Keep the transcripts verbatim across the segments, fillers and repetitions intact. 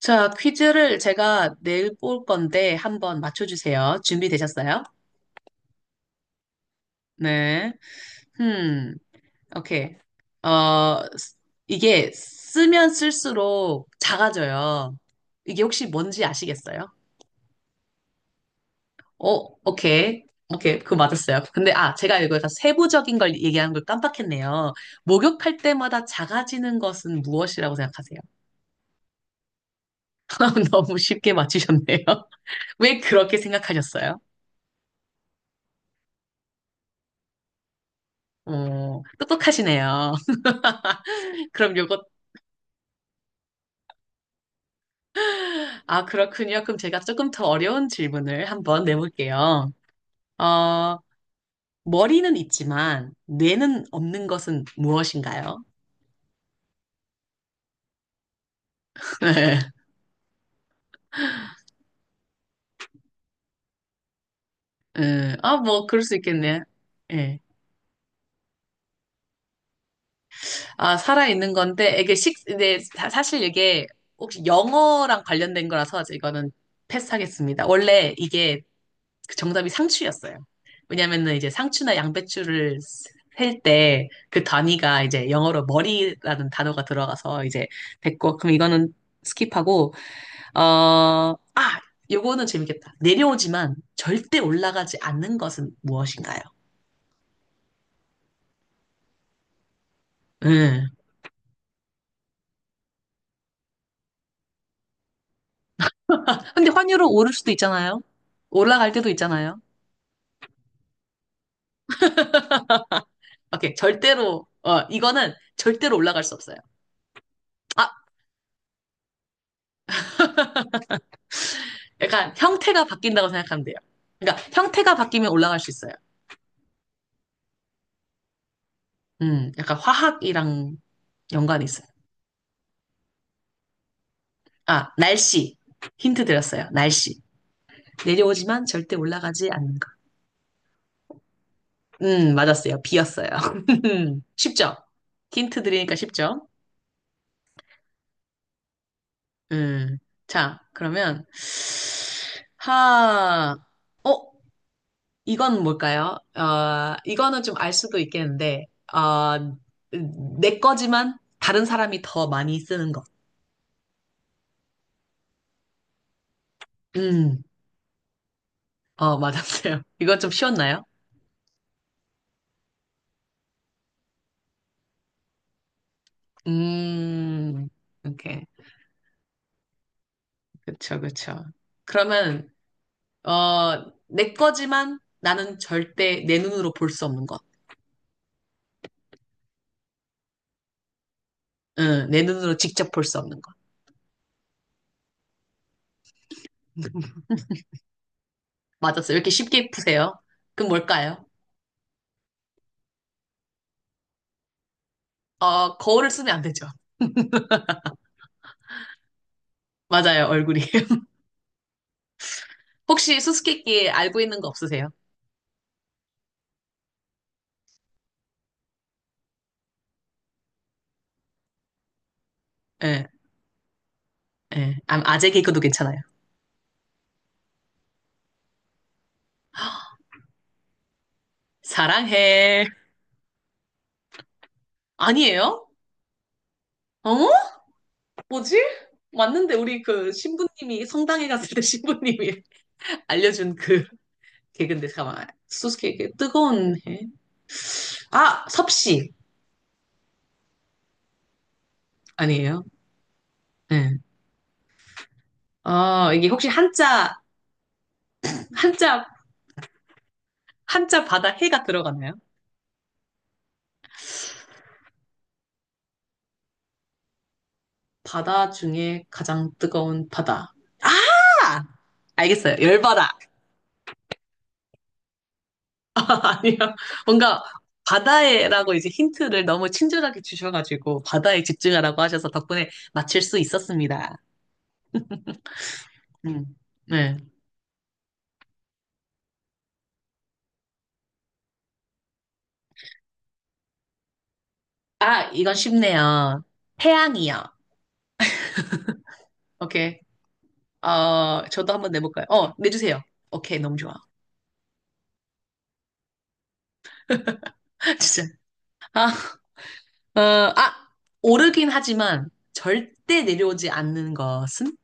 자, 퀴즈를 제가 내일 볼 건데 한번 맞춰주세요. 준비되셨어요? 네. 음, 오케이. 어, 쓰- 이게 쓰면 쓸수록 작아져요. 이게 혹시 뭔지 아시겠어요? 어, 오케이. 오케이. 그거 맞았어요. 근데, 아, 제가 이거 다 세부적인 걸 얘기하는 걸 깜빡했네요. 목욕할 때마다 작아지는 것은 무엇이라고 생각하세요? 너무 쉽게 맞추셨네요. 왜 그렇게 생각하셨어요? 어, 똑똑하시네요. 그럼 요거, 아, 그렇군요. 그럼 제가 조금 더 어려운 질문을 한번 내볼게요. 어, 머리는 있지만 뇌는 없는 것은 무엇인가요? 네. 음, 아, 뭐, 그럴 수 있겠네. 예. 아, 살아있는 건데, 이게 식, 네, 사- 사실 이게 혹시 영어랑 관련된 거라서 이거는 패스하겠습니다. 원래 이게 그 정답이 상추였어요. 왜냐면은 이제 상추나 양배추를 셀 때 그 단위가 이제 영어로 머리라는 단어가 들어가서 이제 됐고, 그럼 이거는 스킵하고, 어, 아, 요거는 재밌겠다. 내려오지만 절대 올라가지 않는 것은 무엇인가요? 음. 근데 환율은 오를 수도 있잖아요. 올라갈 때도 있잖아요. 오케이, 절대로, 어, 이거는 절대로 올라갈 수 없어요. 아, 약간 형태가 바뀐다고 생각하면 돼요. 그러니까 형태가 바뀌면 올라갈 수 있어요. 음, 약간 화학이랑 연관이 있어요. 아, 날씨. 힌트 드렸어요. 날씨. 내려오지만 절대 올라가지 않는 것. 음, 맞았어요. 비였어요. 쉽죠? 힌트 드리니까 쉽죠? 음. 자, 그러면, 하, 어, 이건 뭘까요? 어, 이거는 좀 알 수도 있겠는데, 어, 내 거지만 다른 사람이 더 많이 쓰는 것. 음, 어, 맞았어요. 이건 좀 쉬웠나요? 음, 오케이. 그쵸, 그쵸. 그러면, 어, 내 거지만 나는 절대 내 눈으로 볼 수 없는 것. 응, 내 눈으로 직접 볼 수 없는 것. 맞았어요. 왜 이렇게 쉽게 푸세요? 그럼 뭘까요? 어, 거울을 쓰면 안 되죠. 맞아요, 얼굴이. 혹시 수수께끼 알고 있는 거 없으세요? 예, 예. 아, 아재 개그도 괜찮아요. 사랑해. 아니에요? 어? 뭐지? 맞는데 우리 그 신부님이 성당에 갔을 때 신부님이 알려준 그 걔 근데 잠깐만 소스케이크 뜨거운 해. 아 섭씨 아니에요? 네. 어 이게 혹시 한자 한자 한자 바다 해가 들어가나요? 바다 중에 가장 뜨거운 바다. 아 알겠어요. 열바다. 아니요. 뭔가 바다에라고 이제 힌트를 너무 친절하게 주셔가지고 바다에 집중하라고 하셔서 덕분에 맞출 수 있었습니다. 음. 네. 아 이건 쉽네요. 태양이요. 오케이. 어, 저도 한번 내볼까요? 어, 내주세요. 오케이, 너무 좋아. 진짜. 아, 어, 아, 오르긴 하지만 절대 내려오지 않는 것은?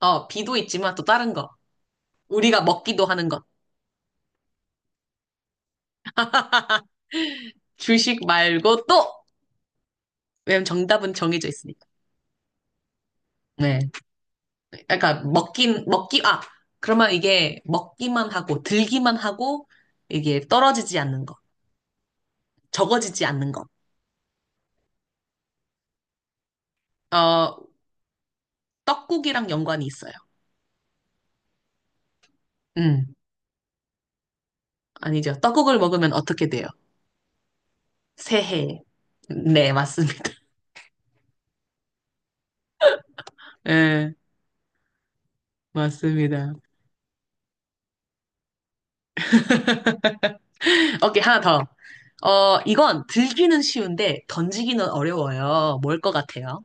어, 비도 있지만 또 다른 거. 우리가 먹기도 하는 것. 주식 말고 또! 왜냐면 정답은 정해져 있으니까. 네. 그러니까 먹긴, 먹기, 아, 그러면 이게 먹기만 하고, 들기만 하고, 이게 떨어지지 않는 것. 적어지지 않는 것. 어, 떡국이랑 연관이 있어요. 음, 아니죠. 떡국을 먹으면 어떻게 돼요? 새해. 네, 맞습니다. 예, 맞습니다. 오케이, 하나 더. 어, 이건 들기는 쉬운데 던지기는 어려워요. 뭘 것 같아요?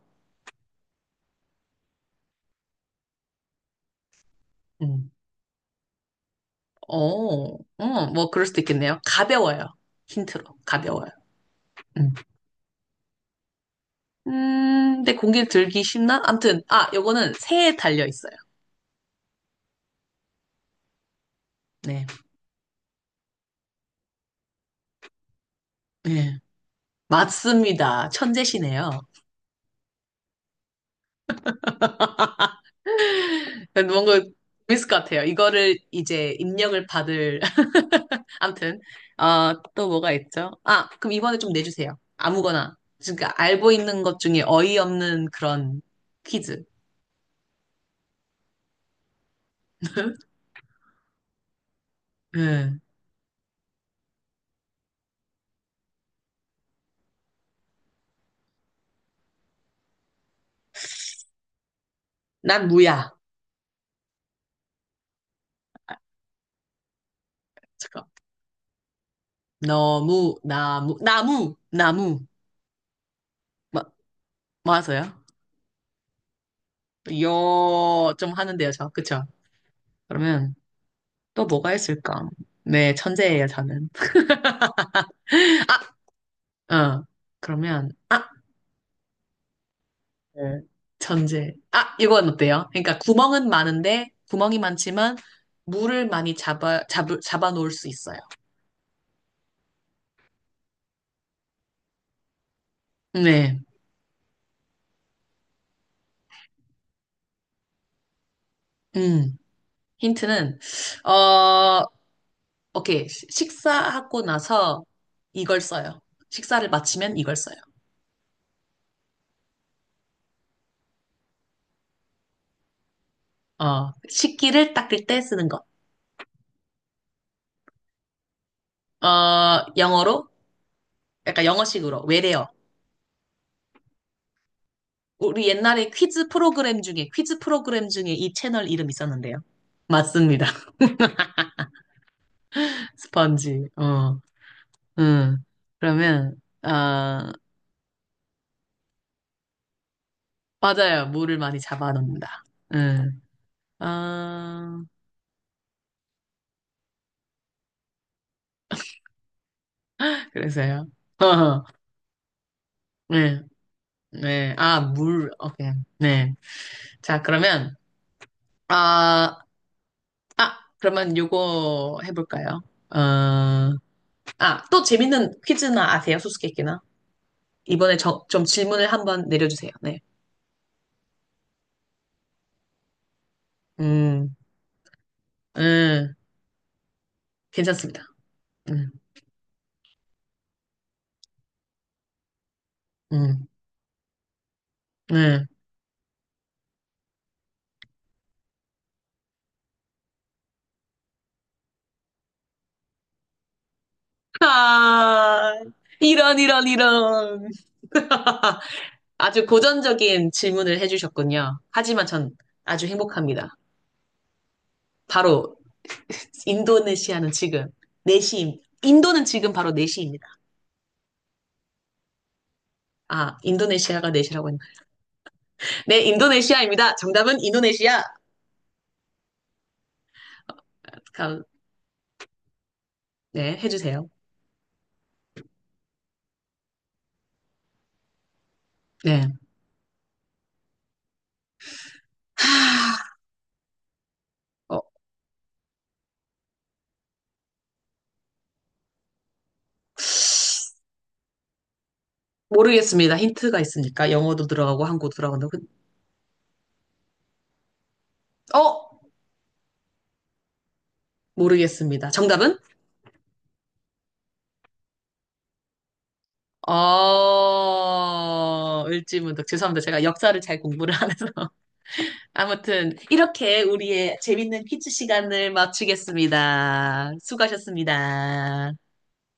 음. 어, 음, 뭐 그럴 수도 있겠네요. 가벼워요. 힌트로. 가벼워요. 음. 음, 근데 공기를 들기 쉽나? 암튼, 아, 요거는 새에 달려 있어요. 네. 네. 맞습니다. 천재시네요. 뭔가 재밌을 것 같아요. 이거를 이제 입력을 받을 아무튼 어, 또 뭐가 있죠? 아, 그럼 이번에 좀 내주세요. 아무거나. 그러니까 알고 있는 것 중에 어이없는 그런 퀴즈. 응. 난 무야. 잠깐. 너무 나무 나무 나무 마, 맞아요? 요좀 하는데요, 저 그쵸? 그러면 또 뭐가 있을까? 네, 천재예요, 저는. 아, 어. 그러면 아, 네. 전제. 아, 이건 어때요? 그러니까 구멍은 많은데, 구멍이 많지만, 물을 많이 잡아, 잡, 잡아놓을 수 있어요. 네. 음. 힌트는, 어, 오케이. 시- 식사하고 나서 이걸 써요. 식사를 마치면 이걸 써요. 어, 식기를 닦을 때 쓰는 것. 어, 영어로? 약간 영어식으로. 외래어. 우리 옛날에 퀴즈 프로그램 중에, 퀴즈 프로그램 중에 이 채널 이름 있었는데요. 맞습니다. 스펀지. 어. 응. 그러면, 아, 맞아요. 물을 많이 잡아놓는다. 응. 아, 그래서요. 네, 네. 아, 물, 오케이. 네. 자, 그러면, 아, 아, 그러면 요거 해볼까요? 어, 아, 또 재밌는 퀴즈나 아세요? 수수께끼나? 이번에 저, 좀 질문을 한번 내려주세요. 네. 음, 음, 괜찮습니다. 음, 음, 네. 아, 이런, 이런, 이런. 아주 고전적인 질문을 해주셨군요. 하지만 전 아주 행복합니다. 바로 인도네시아는 지금 네 시, 인도는 지금 바로 네 시입니다. 아, 인도네시아가 네 시라고 했나? 네, 인도네시아입니다. 정답은 인도네시아. 감- 네, 해주세요. 네. 하, 어, 모르겠습니다. 힌트가 있습니까? 영어도 들어가고 한국도 들어간다고. 그- 어? 모르겠습니다. 정답은? 어, 을지문덕. 죄송합니다. 제가 역사를 잘 공부를 안 해서. 아무튼, 이렇게 우리의 재밌는 퀴즈 시간을 마치겠습니다. 수고하셨습니다.